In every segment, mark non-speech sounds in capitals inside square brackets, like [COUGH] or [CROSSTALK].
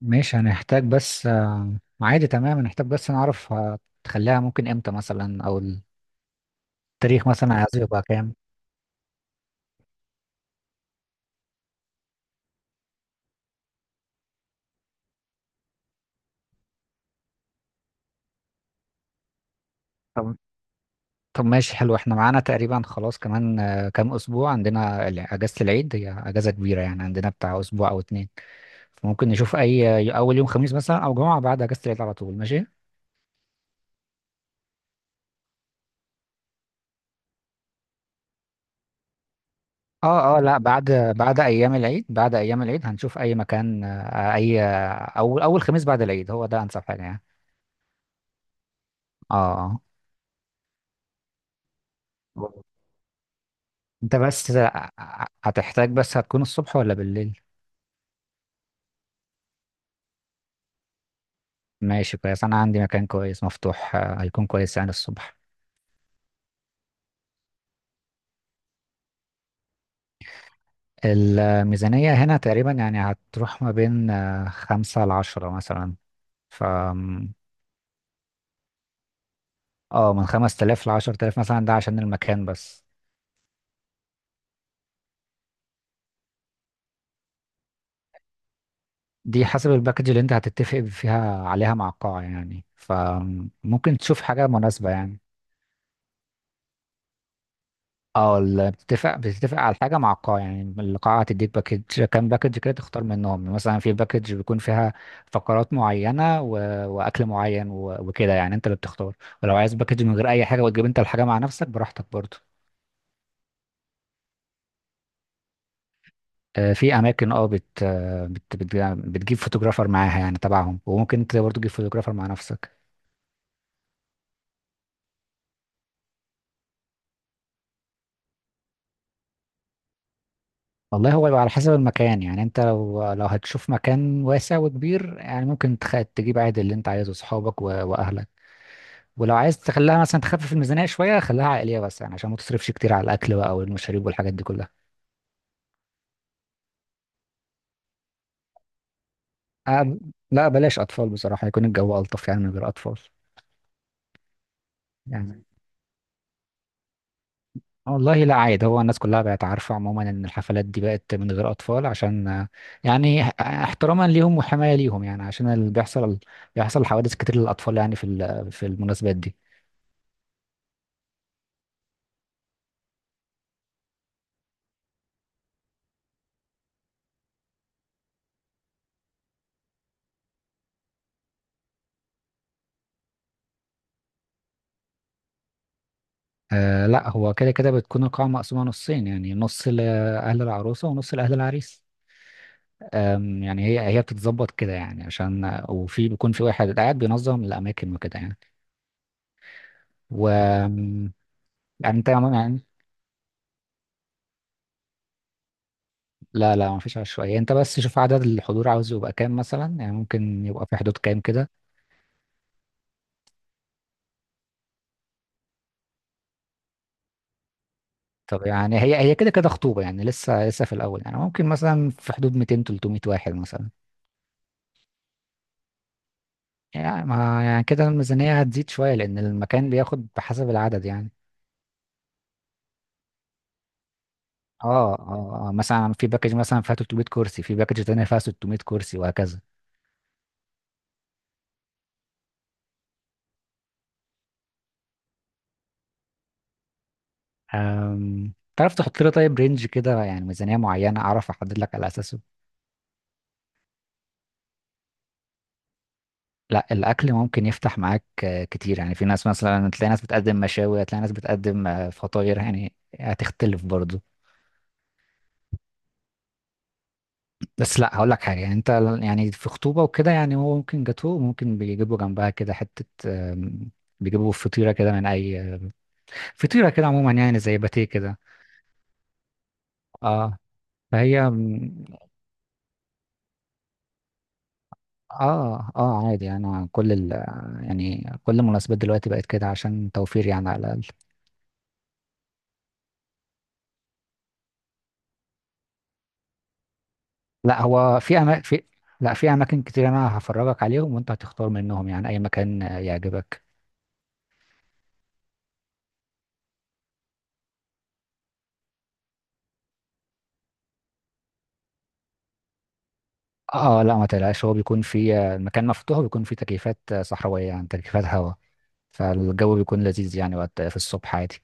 ماشي، هنحتاج بس عادي. تمام، هنحتاج بس نعرف تخليها ممكن امتى مثلا، او التاريخ مثلا عايزه يبقى كام؟ طب طب ماشي، حلو. احنا معانا تقريبا خلاص كمان كام اسبوع، عندنا اجازة العيد. هي اجازة كبيرة يعني، عندنا بتاع اسبوع او اتنين. فممكن نشوف اي اول يوم خميس مثلا، او جمعة بعد اجازة العيد على طول. ماشي. اه، اه. لا، بعد. بعد ايام العيد هنشوف اي مكان آه، اي آه، اول خميس بعد العيد. هو ده انسب حاجة يعني. اه، اه. انت بس هتحتاج، بس هتكون الصبح ولا بالليل؟ ماشي، كويس. انا عندي مكان كويس مفتوح، هيكون كويس يعني الصبح. الميزانية هنا تقريبا يعني هتروح ما بين خمسة لعشرة مثلا. ف اه، من 5 تلاف لعشر تلاف مثلا، ده عشان المكان بس. دي حسب الباكج اللي انت هتتفق فيها عليها مع القاعة يعني، فممكن تشوف حاجة مناسبة يعني. اه، بتتفق على حاجه مع القاعه يعني. القاعه هتديك باكج، كام باكج كده تختار منهم. مثلا في باكج بيكون فيها فقرات معينه واكل معين وكده، يعني انت اللي بتختار. ولو عايز باكج من غير اي حاجه، وتجيب انت الحاجه مع نفسك براحتك برضه. في اماكن اه بت... آه، بت... بت... بتجيب فوتوغرافر معاها يعني تبعهم، وممكن انت برضه تجيب فوتوغرافر مع نفسك. والله، هو بيبقى على حسب المكان يعني. انت لو هتشوف مكان واسع وكبير يعني، ممكن تجيب عادي اللي انت عايزه، اصحابك واهلك. ولو عايز تخليها مثلا تخفف الميزانية شوية، خليها عائلية بس يعني، عشان ما تصرفش كتير على الأكل بقى والمشاريب والحاجات دي كلها. أه، لا، بلاش أطفال بصراحة. يكون الجو ألطف يعني من غير أطفال. يعني والله لا، عادي. هو الناس كلها بقت عارفة عموما إن الحفلات دي بقت من غير أطفال، عشان يعني احتراما ليهم وحماية ليهم يعني. عشان اللي بيحصل، بيحصل حوادث كتير للأطفال يعني في في المناسبات دي. أه، لا، هو كده كده بتكون القاعة مقسومة نصين يعني، نص لأهل العروسة ونص لأهل العريس. يعني هي بتتظبط كده يعني، عشان وفي بيكون في واحد قاعد بينظم الاماكن وكده يعني. و أم، يعني انت عموماً يعني، لا، لا، ما فيش عشوائيه يعني. انت بس شوف عدد الحضور عاوز يبقى كام مثلا، يعني ممكن يبقى في حدود كام كده؟ طب، يعني هي كده كده خطوبه يعني، لسه في الاول يعني، ممكن مثلا في حدود 200 300 واحد مثلا. يعني، ما يعني كده الميزانيه هتزيد شويه، لان المكان بياخد بحسب العدد يعني. اه، اه، مثلا في باكج مثلا فيها 300 كرسي، في باكج تانية فيها 600 كرسي، وهكذا. تعرف تحط لي طيب رينج كده يعني، ميزانية معينة أعرف أحدد لك على أساسه. لا، الأكل ممكن يفتح معاك كتير يعني. في ناس مثلا تلاقي ناس بتقدم مشاوي، هتلاقي ناس بتقدم فطاير يعني، هتختلف برضه. بس لا، هقول لك حاجة يعني. أنت يعني في خطوبة وكده يعني، هو ممكن جاتوه، ممكن بيجيبوا جنبها كده حتة، آم، بيجيبوا فطيرة كده من أي فطيرة كده عموما، يعني زي باتيه كده. اه. فهي اه، اه، عادي. انا كل ال يعني كل المناسبات دلوقتي بقت كده، عشان توفير يعني على الاقل. لا هو في أما... في لا، في اماكن كتير، انا هفرجك عليهم وانت هتختار منهم يعني، اي مكان يعجبك. اه لا، ما تقلقش، هو بيكون في آه، المكان مفتوح، وبيكون فيه تكييفات صحراوية، يعني تكييفات هواء. فالجو بيكون لذيذ يعني وقت في الصبح عادي.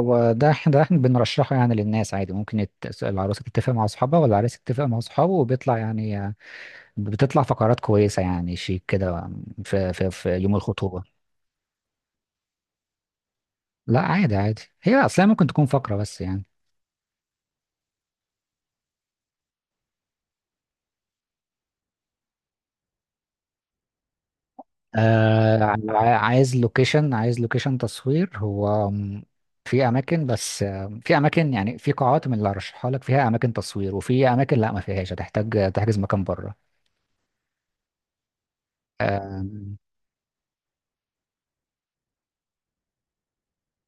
هو ده، احنا بنرشحه يعني للناس عادي. ممكن العروسة تتفق مع اصحابها والعريس يتفق مع اصحابه، وبيطلع يعني بتطلع فقرات كويسة يعني، شيك كده، في يوم الخطوبة. لا، عادي عادي، هي أصلا ممكن تكون فقرة بس يعني. آه عايز لوكيشن، في أماكن، بس في أماكن يعني، في قاعات من اللي هرشحها لك فيها أماكن تصوير، وفي أماكن لا ما فيهاش هتحتاج تحجز مكان بره. آم،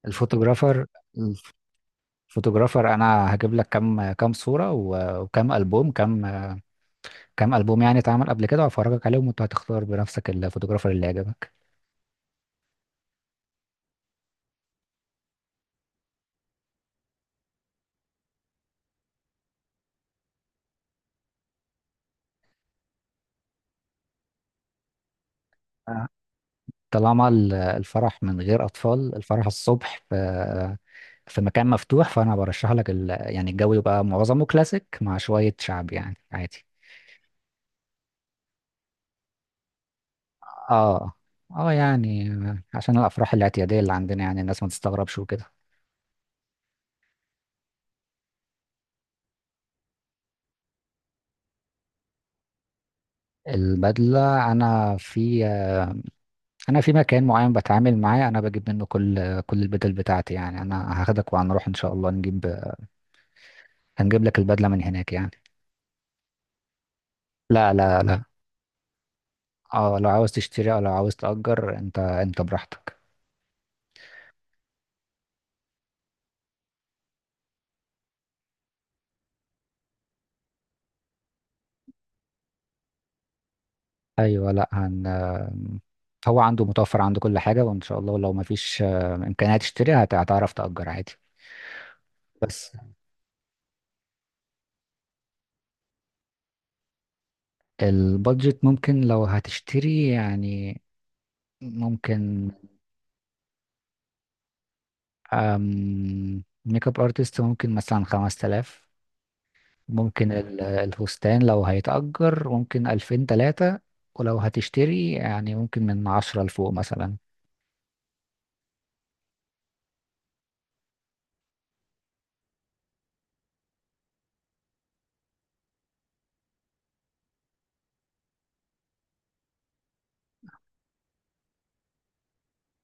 الفوتوغرافر الفوتوغرافر أنا هجيب لك كام صورة، وكام ألبوم، كام ألبوم يعني اتعمل قبل كده، وأفرجك عليهم، وأنت هتختار بنفسك الفوتوغرافر اللي يعجبك. آه. طالما الفرح من غير أطفال، الفرح الصبح في مكان مفتوح، فأنا برشح لك يعني الجو يبقى معظمه كلاسيك مع شوية شعب يعني عادي. اه، اه. يعني عشان الأفراح الاعتيادية اللي عندنا يعني، الناس ما تستغربش وكده. البدلة، أنا في مكان معين بتعامل معاه، أنا بجيب منه كل البدل بتاعتي يعني. أنا هاخدك وهنروح إن شاء الله هنجيب لك البدلة من هناك يعني. لا، لا، لا. اه، لو عاوز تشتري او لو عاوز تأجر، انت براحتك. ايوه. لا، هن آم، هو عنده متوفر، عنده كل حاجة، وان شاء الله لو مفيش امكانية تشتري، هتعرف تأجر عادي. بس، البادجت ممكن لو هتشتري يعني. ممكن. ميك اب ارتست ممكن مثلا 5 تلاف. ممكن الفستان لو هيتأجر ممكن ألفين تلاتة، ولو هتشتري يعني ممكن من عشرة لفوق مثلا.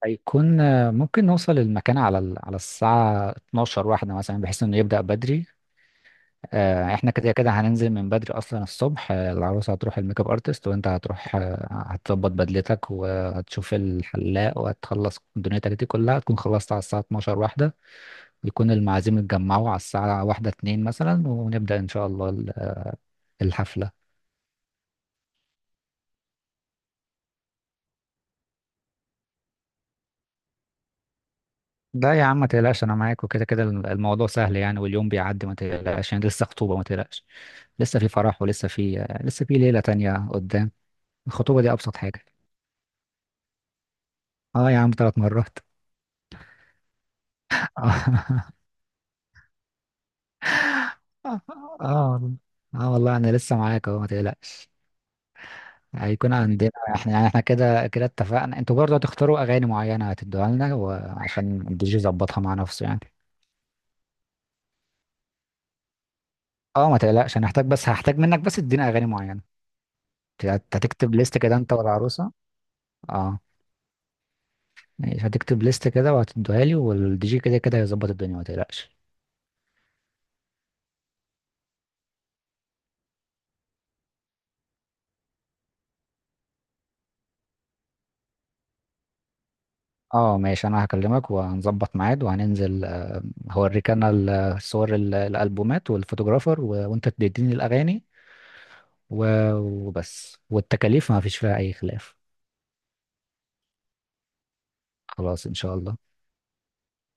هيكون ممكن نوصل المكان على على الساعة 12 واحدة مثلا، بحيث انه يبدأ بدري. احنا كده كده هننزل من بدري اصلا الصبح، العروسة هتروح الميك اب ارتست، وانت هتروح هتظبط بدلتك وهتشوف الحلاق، وهتخلص دنيتك دي كلها تكون خلصت على الساعة 12 واحدة. يكون المعازيم اتجمعوا على الساعة واحدة اتنين مثلا، ونبدأ ان شاء الله الحفلة. لا يا عم، ما تقلقش، انا معاك، وكده كده الموضوع سهل يعني، واليوم بيعدي، ما تقلقش يعني، لسه خطوبة ما تقلقش، لسه في فرح، ولسه في ليلة تانية قدام. الخطوبة دي ابسط حاجة. اه يا عم، ثلاث مرات. [LAUGHS] اه، اه، والله. اه والله، انا لسه معاك اهو، ما تقلقش. هيكون عندنا احنا يعني، احنا كده كده اتفقنا. انتوا برضه هتختاروا اغاني معينة، هتدوها لنا وعشان الدي جي يظبطها مع نفسه يعني. اه، ما تقلقش، انا هحتاج بس هحتاج منك بس تدينا اغاني معينة. هتكتب ليست كده انت والعروسة. اه ماشي، هتكتب ليست كده وهتديها لي، والدي جي كده كده هيظبط الدنيا، ما تقلقش. اه ماشي، انا هكلمك وهنظبط ميعاد وهننزل، هوريك انا الصور الالبومات والفوتوغرافر، وانت تديني الاغاني، و... وبس، والتكاليف ما فيش فيها اي خلاف. خلاص، ان شاء الله.